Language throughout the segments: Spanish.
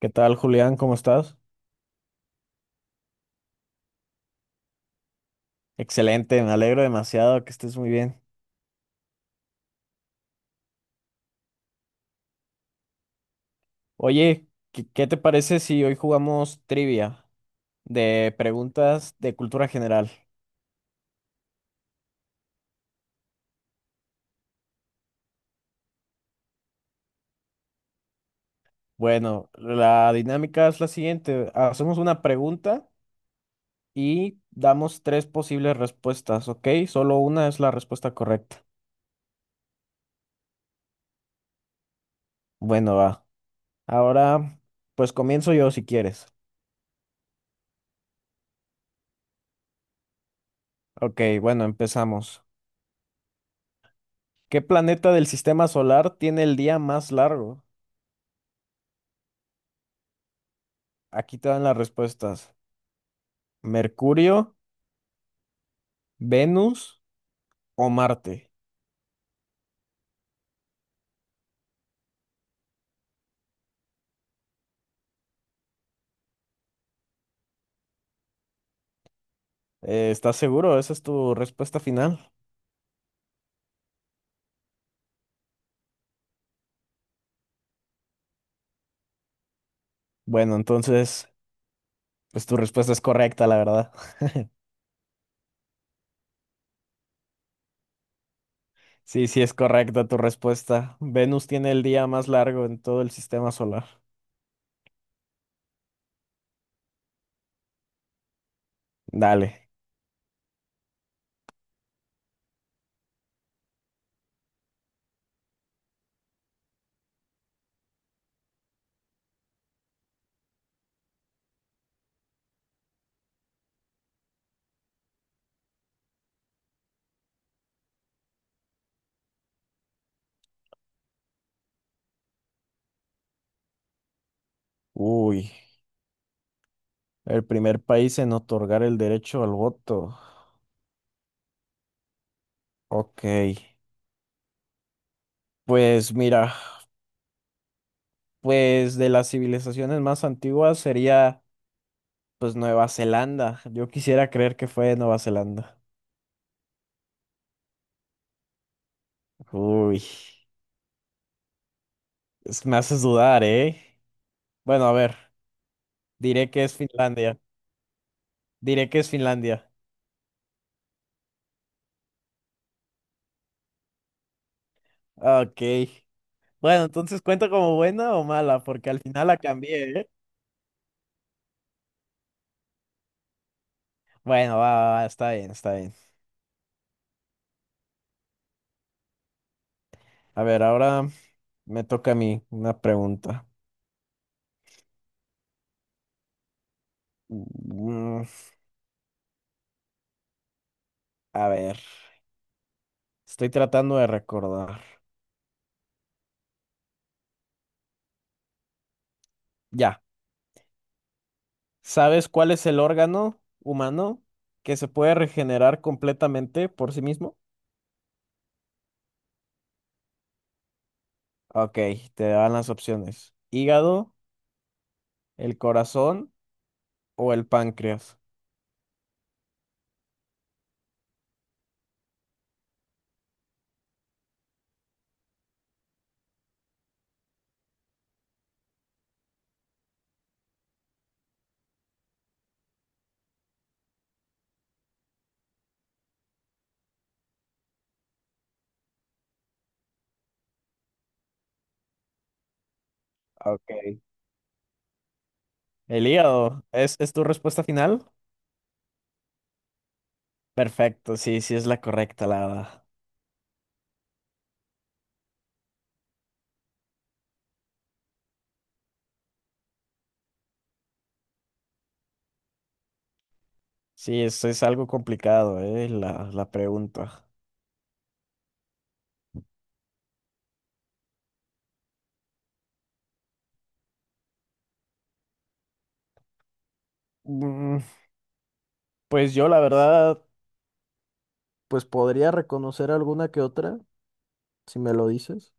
¿Qué tal, Julián? ¿Cómo estás? Excelente, me alegro demasiado que estés muy bien. Oye, ¿Qué te parece si hoy jugamos trivia de preguntas de cultura general? Bueno, la dinámica es la siguiente. Hacemos una pregunta y damos tres posibles respuestas, ¿ok? Solo una es la respuesta correcta. Bueno, va. Ahora, pues comienzo yo si quieres. Ok, bueno, empezamos. ¿Qué planeta del sistema solar tiene el día más largo? Aquí te dan las respuestas. ¿Mercurio, Venus o Marte? ¿estás seguro? ¿Esa es tu respuesta final? Bueno, entonces, pues tu respuesta es correcta, la verdad. Sí, sí es correcta tu respuesta. Venus tiene el día más largo en todo el sistema solar. Dale. Uy, el primer país en otorgar el derecho al voto. Ok. Pues mira, pues de las civilizaciones más antiguas sería pues Nueva Zelanda. Yo quisiera creer que fue Nueva Zelanda. Uy. Es- me haces dudar, ¿eh? Bueno, a ver, diré que es Finlandia. Diré que es Finlandia. Ok. Bueno, entonces, ¿cuenta como buena o mala? Porque al final la cambié, ¿eh? Bueno, va, va, va, está bien, está bien. A ver, ahora me toca a mí una pregunta. Mm, a ver, estoy tratando de recordar. Ya, ¿sabes cuál es el órgano humano que se puede regenerar completamente por sí mismo? Ok, te dan las opciones. ¿Hígado, el corazón o el páncreas? Ok. ¿El hígado? ¿Es tu respuesta final? Perfecto, sí, sí es la correcta, la verdad. Sí, eso es algo complicado, la pregunta. Mm, pues yo, la verdad, pues podría reconocer alguna que otra, si me lo dices.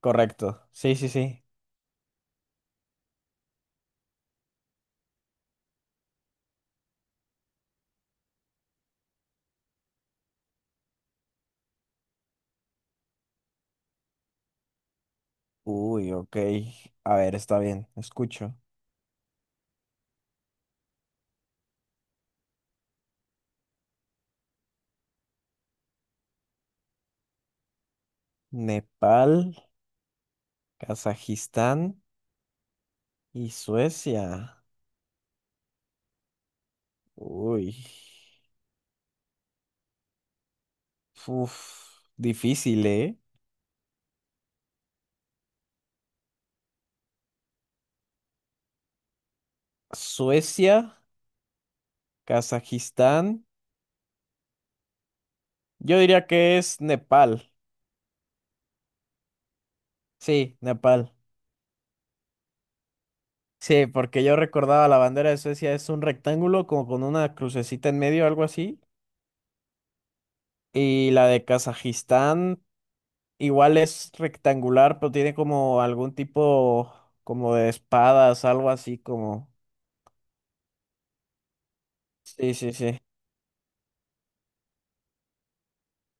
Correcto. Sí, sí, sí. Uy, ok. A ver, está bien, escucho. Nepal, Kazajistán y Suecia. Uy. Uf, difícil, ¿eh? Suecia, Kazajistán. Yo diría que es Nepal. Sí, Nepal. Sí, porque yo recordaba la bandera de Suecia es un rectángulo como con una crucecita en medio, algo así. Y la de Kazajistán igual es rectangular, pero tiene como algún tipo como de espadas, algo así como... Sí, sí, sí.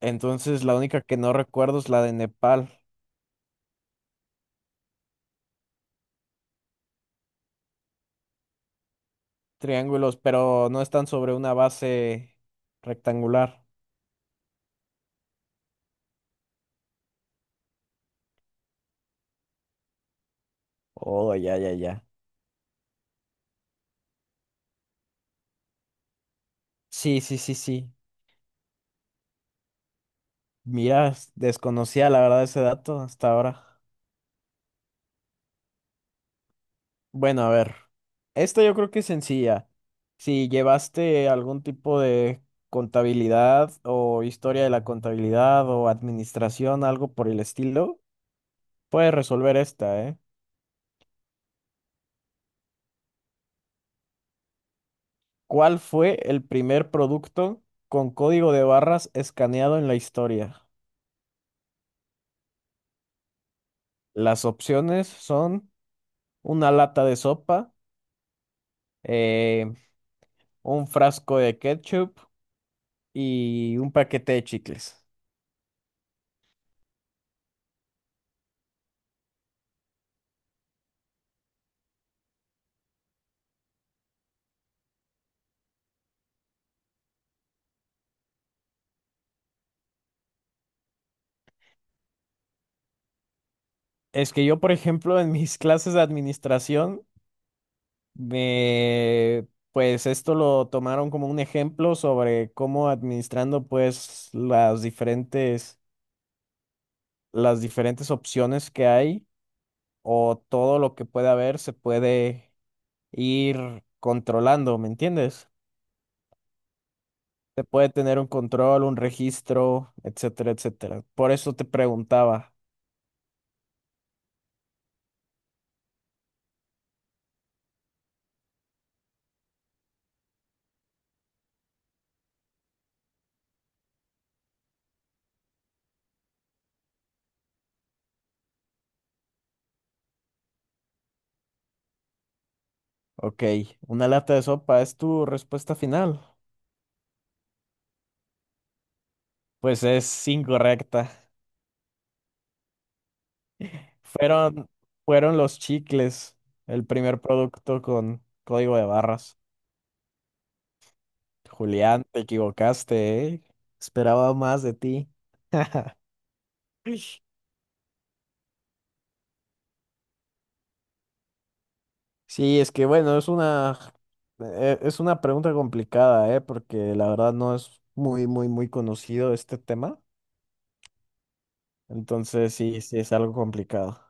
Entonces la única que no recuerdo es la de Nepal. Triángulos, pero no están sobre una base rectangular. Oh, ya, ya, ya. Sí, sí, sí, sí. Mira, desconocía la verdad ese dato hasta ahora. Bueno, a ver. Esta yo creo que es sencilla. Si llevaste algún tipo de contabilidad o historia de la contabilidad o administración, algo por el estilo, puedes resolver esta, ¿eh? ¿Cuál fue el primer producto con código de barras escaneado en la historia? Las opciones son una lata de sopa, eh, un frasco de ketchup y un paquete de chicles. Es que yo, por ejemplo, en mis clases de administración, me, pues esto lo tomaron como un ejemplo sobre cómo administrando pues las diferentes opciones que hay o todo lo que puede haber se puede ir controlando, ¿me entiendes? Se puede tener un control, un registro, etcétera, etcétera. Por eso te preguntaba, ok, ¿una lata de sopa es tu respuesta final? Pues es incorrecta. Fueron, fueron los chicles, el primer producto con código de barras. Julián, te equivocaste, ¿eh? Esperaba más de ti. Ish. Sí, es que bueno, es una, e- es una pregunta complicada, ¿eh? Porque la verdad no es muy, muy, muy conocido este tema. Entonces sí, sí es algo complicado.